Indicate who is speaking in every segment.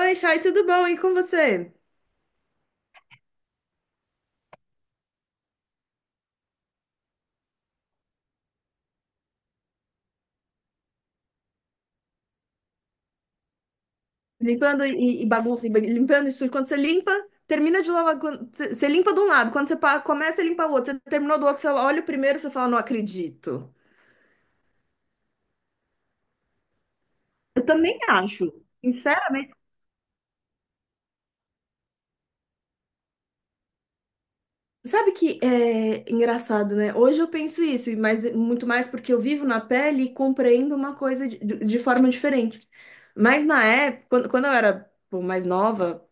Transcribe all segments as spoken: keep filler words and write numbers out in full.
Speaker 1: Oi, Chay, tudo bom? E com você? Limpando, e, e bagunça, e ba- limpando isso tudo. Quando você limpa, termina de lavar. quando- Você você limpa de um lado, quando você pa- começa a limpar o outro, você terminou do outro, você olha o primeiro, você fala, não acredito. Eu também acho. Sinceramente, sabe que é engraçado, né? Hoje eu penso isso, e mas muito mais porque eu vivo na pele e compreendo uma coisa de, de forma diferente. Mas na época, quando, quando eu era pô, mais nova,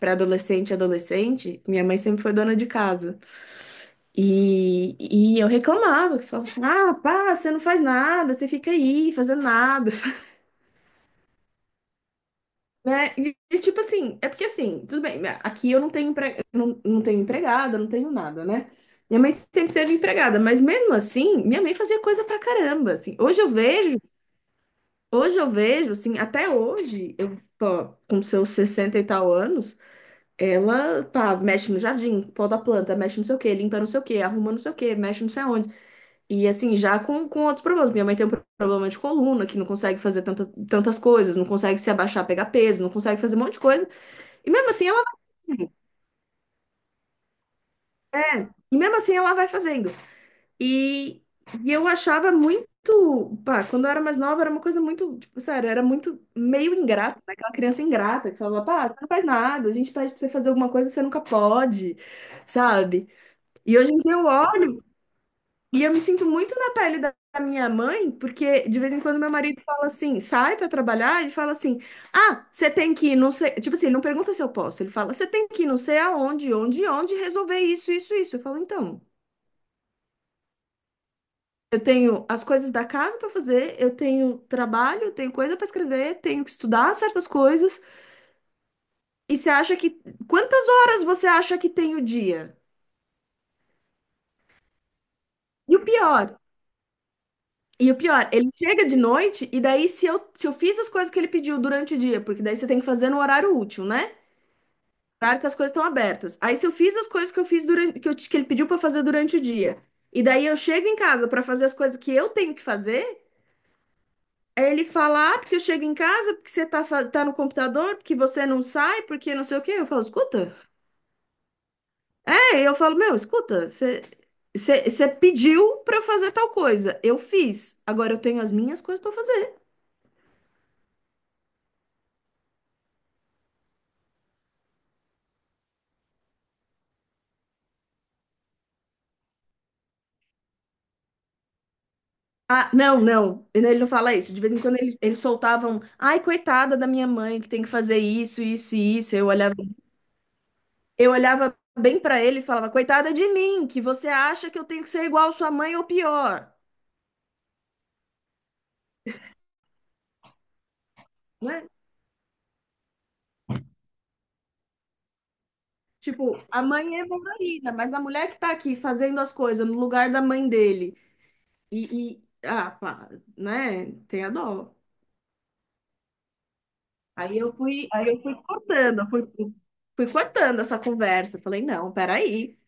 Speaker 1: pré-adolescente, adolescente, minha mãe sempre foi dona de casa. E, e eu reclamava, que falava assim, ah, pá, você não faz nada, você fica aí fazendo nada. Né? E, e, tipo assim, é porque assim, tudo bem, né, aqui eu não tenho, empre... não, não tenho empregada, não tenho nada, né? Minha mãe sempre teve empregada, mas mesmo assim, minha mãe fazia coisa pra caramba, assim. Hoje eu vejo, hoje eu vejo, assim, até hoje, eu, pô, com seus sessenta e tal anos, ela, pá, mexe no jardim, poda a planta, mexe não sei o quê, limpa não sei o quê, arruma não sei o quê, mexe não sei onde. E assim, já com, com outros problemas. Minha mãe tem um pro- problema de coluna, que não consegue fazer tantas, tantas coisas, não consegue se abaixar, pegar peso, não consegue fazer um monte de coisa. E mesmo assim ela, é, e mesmo assim ela vai fazendo. E, e eu achava muito, pá, quando eu era mais nova, era uma coisa muito, tipo, sério, era muito meio ingrata, né? Aquela criança ingrata que falava, pá, você não faz nada, a gente pede pra você fazer alguma coisa, você nunca pode, sabe? E hoje em dia eu olho. E eu me sinto muito na pele da da minha mãe, porque de vez em quando meu marido fala assim, sai pra trabalhar e fala assim: "Ah, você tem que ir, não sei, tipo assim, não pergunta se eu posso". Ele fala: "Você tem que ir, não sei aonde, onde, onde resolver isso, isso, isso". Eu falo: "Então, eu tenho as coisas da casa pra fazer, eu tenho trabalho, eu tenho coisa pra escrever, tenho que estudar certas coisas. E você acha que quantas horas você acha que tem o dia?" E o pior, E o pior, ele chega de noite e daí se eu, se eu fiz as coisas que ele pediu durante o dia, porque daí você tem que fazer no horário útil, né? Horário que as coisas estão abertas. Aí se eu fiz as coisas que eu fiz durante, que, eu- que ele pediu pra fazer durante o dia, e daí eu chego em casa pra fazer as coisas que eu tenho que fazer, aí ele fala, ah, porque eu chego em casa, porque você tá, fa- tá no computador, porque você não sai, porque não sei o quê. Eu falo, escuta. É, eu falo, meu, escuta, você você- você pediu pra eu fazer tal coisa, eu fiz. Agora eu tenho as minhas coisas pra fazer. Ah, não, não, ele não fala isso. De vez em quando eles, eles soltavam, ai, coitada da minha mãe, que tem que fazer isso, isso e isso. Eu olhava, eu olhava bem pra ele e falava, coitada de mim, que você acha que eu tenho que ser igual sua mãe ou pior, né? Tipo, a mãe é Evangelina, mas a mulher que tá aqui fazendo as coisas no lugar da mãe dele e, e- ah, pá, né? Tem a dó. Aí eu fui, aí eu fui cortando, eu fui, fui cortando essa conversa. Falei, não, peraí.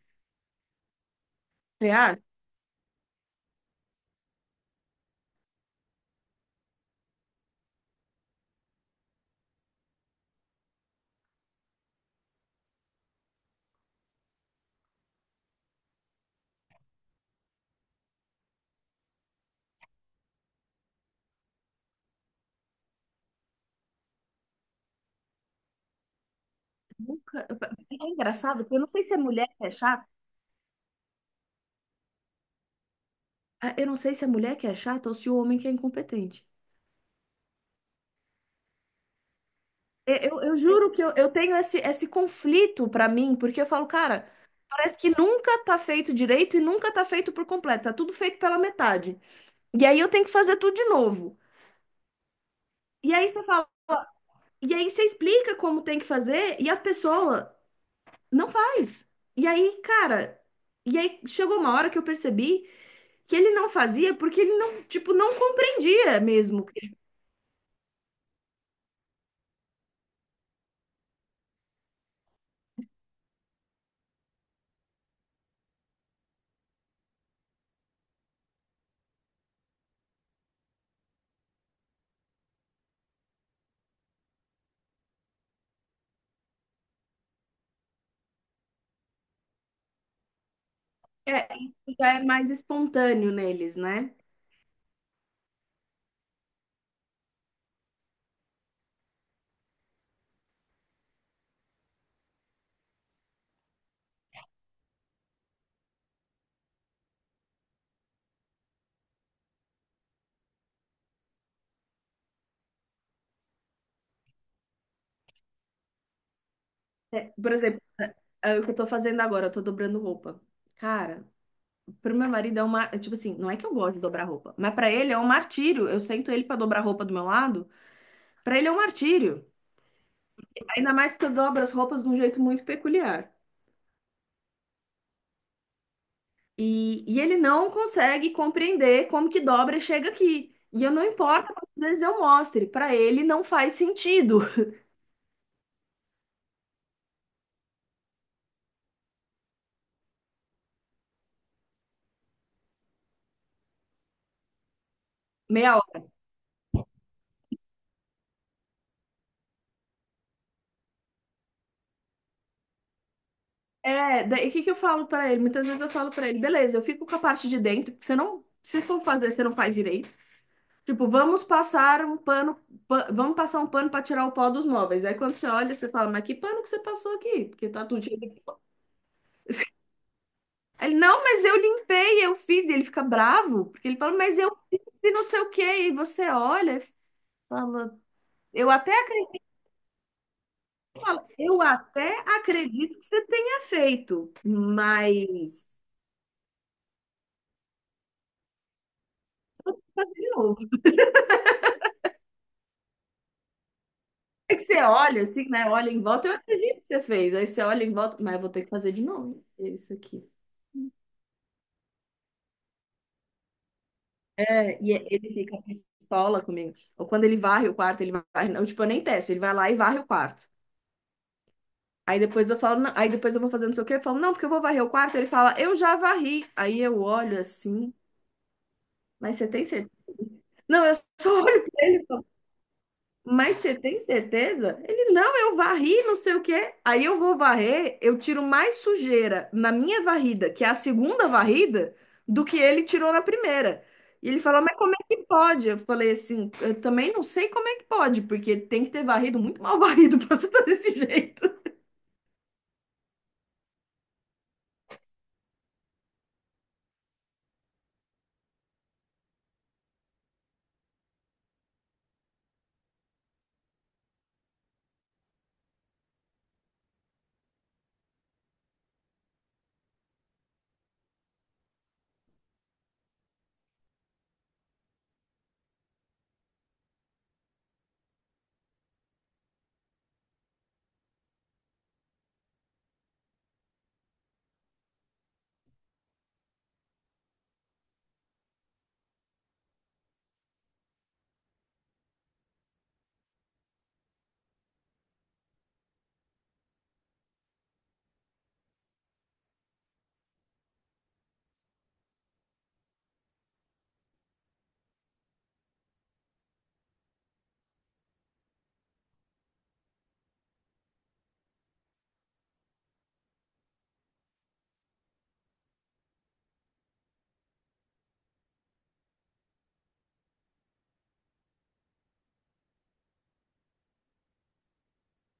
Speaker 1: Nunca. É engraçado, porque eu não sei se é mulher que é chata, ah, eu não sei se é mulher que é chata ou se o homem que é incompetente. Eu, eu, eu juro que eu, eu tenho esse, esse conflito pra mim, porque eu falo, cara, parece que nunca tá feito direito e nunca tá feito por completo, tá tudo feito pela metade. E aí eu tenho que fazer tudo de novo. E aí você fala, e aí você explica como tem que fazer e a pessoa não faz. E aí, cara, e aí chegou uma hora que eu percebi que ele não fazia porque ele não, tipo, não compreendia mesmo. Que É, isso já é mais espontâneo neles, né? É, por exemplo, é o que eu tô fazendo agora, eu tô dobrando roupa. Cara, pro meu marido é uma, é tipo assim, não é que eu gosto de dobrar roupa, mas pra ele é um martírio. Eu sento ele pra dobrar roupa do meu lado, pra ele é um martírio. Ainda mais porque eu dobro as roupas de um jeito muito peculiar. E, e ele não consegue compreender como que dobra e chega aqui. E eu não importa quantas vezes eu mostre, pra ele não faz sentido. Meia. É, daí o que que eu falo pra ele? Muitas vezes eu falo pra ele, beleza, eu fico com a parte de dentro, porque você não, se for fazer, você não faz direito. Tipo, vamos passar um pano, pa- vamos passar um pano pra tirar o pó dos móveis. Aí quando você olha, você fala, mas que pano que você passou aqui? Porque tá tudo cheio de... Aí ele, não, mas eu limpei, eu fiz. E ele fica bravo, porque ele fala, mas eu fiz e não sei o quê. E você olha e fala, eu até, acre- eu até acredito que você tenha feito, mas... É que você olha assim, né? Olha em volta, eu acredito que você fez. Aí você olha em volta, mas eu vou ter que fazer de novo isso aqui. É, e é, ele fica pistola comigo. Ou quando ele varre o quarto, ele varre. Eu, tipo, eu nem testo, ele vai lá e varre o quarto. Aí depois eu falo, não, aí depois eu vou fazer não sei o quê, eu falo, não, porque eu vou varrer o quarto. Ele fala, eu já varri. Aí eu olho assim, mas você tem certeza? Não, eu só olho pra ele. Mas você tem certeza? Ele, não, eu varri, não sei o quê. Aí eu vou varrer, eu tiro mais sujeira na minha varrida, que é a segunda varrida, do que ele tirou na primeira. E ele falou, mas como é que pode? Eu falei assim, eu também não sei como é que pode, porque tem que ter varrido muito mal varrido pra você estar desse jeito.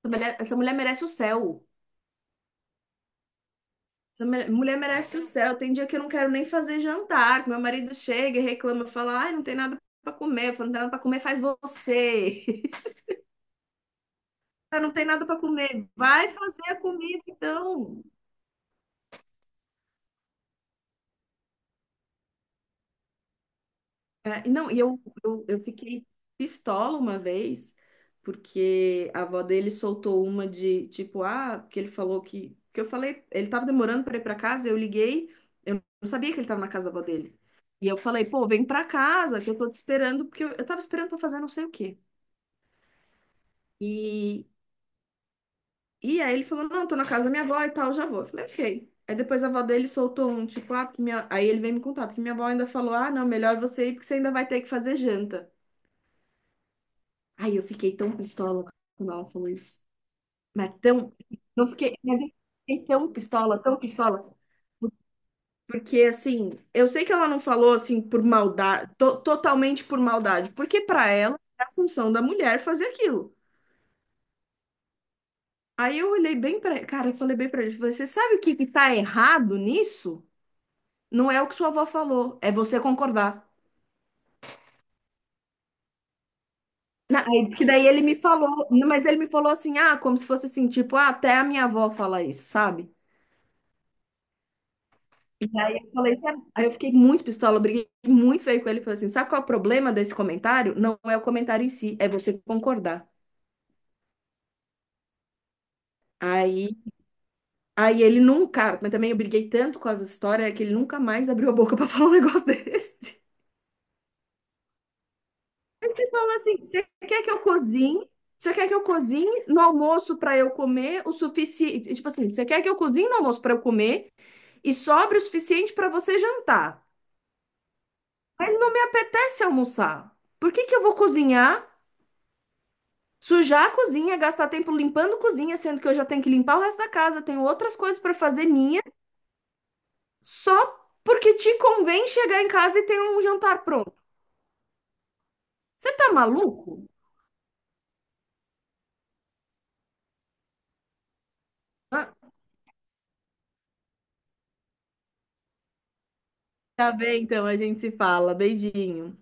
Speaker 1: Essa mulher, essa mulher merece o céu. Essa mulher mulher merece o céu. Tem dia que eu não quero nem fazer jantar, que meu marido chega e reclama, fala, ai, não tem nada pra comer. Eu falo, não tem nada pra comer, faz você. Ah, não tem nada para comer. Vai fazer a comida, então. É, e não, e eu, eu, eu fiquei pistola uma vez, porque a avó dele soltou uma de tipo, ah, porque ele falou que. Que eu falei, ele tava demorando para ir para casa, eu liguei, eu não sabia que ele tava na casa da avó dele. E eu falei, pô, vem para casa, que eu tô te esperando, porque eu, eu tava esperando para fazer não sei o quê. E, E aí ele falou, não, tô na casa da minha avó e tal, já vou. Eu falei, ok. Aí depois a avó dele soltou um, tipo, ah, porque minha... aí ele veio me contar, porque minha avó ainda falou, ah, não, melhor você ir, porque você ainda vai ter que fazer janta. Aí eu fiquei tão pistola quando ela falou isso. Mas tão, não fiquei, mas eu fiquei tão pistola, tão pistola. Porque, assim, eu sei que ela não falou, assim, por maldade, to- totalmente por maldade, porque pra ela é a função da mulher fazer aquilo. Aí eu olhei bem pra, cara, eu falei bem pra ele, falei, você sabe o que que tá errado nisso? Não é o que sua avó falou, é você concordar. Na- Aí, porque daí ele me falou, mas ele me falou assim, ah, como se fosse assim, tipo, ah, até a minha avó fala isso, sabe? E aí eu falei, sabe? Aí eu fiquei muito pistola, eu briguei muito feio com ele, falei assim, sabe qual é o problema desse comentário? Não é o comentário em si, é você concordar. Aí, aí ele nunca, mas também eu briguei tanto com essa história que ele nunca mais abriu a boca pra falar um negócio desse. Aí você fala assim, você quer que eu cozinhe? Você quer que eu cozinhe no almoço para eu comer o suficiente? Tipo assim, você quer que eu cozinhe no almoço para eu comer e sobre o suficiente para você jantar? Mas não me apetece almoçar. Por que que eu vou cozinhar, sujar a cozinha, gastar tempo limpando cozinha, sendo que eu já tenho que limpar o resto da casa, tenho outras coisas para fazer minha, só porque te convém chegar em casa e ter um jantar pronto? Você tá maluco? Ah, tá bem, então, a gente se fala. Beijinho.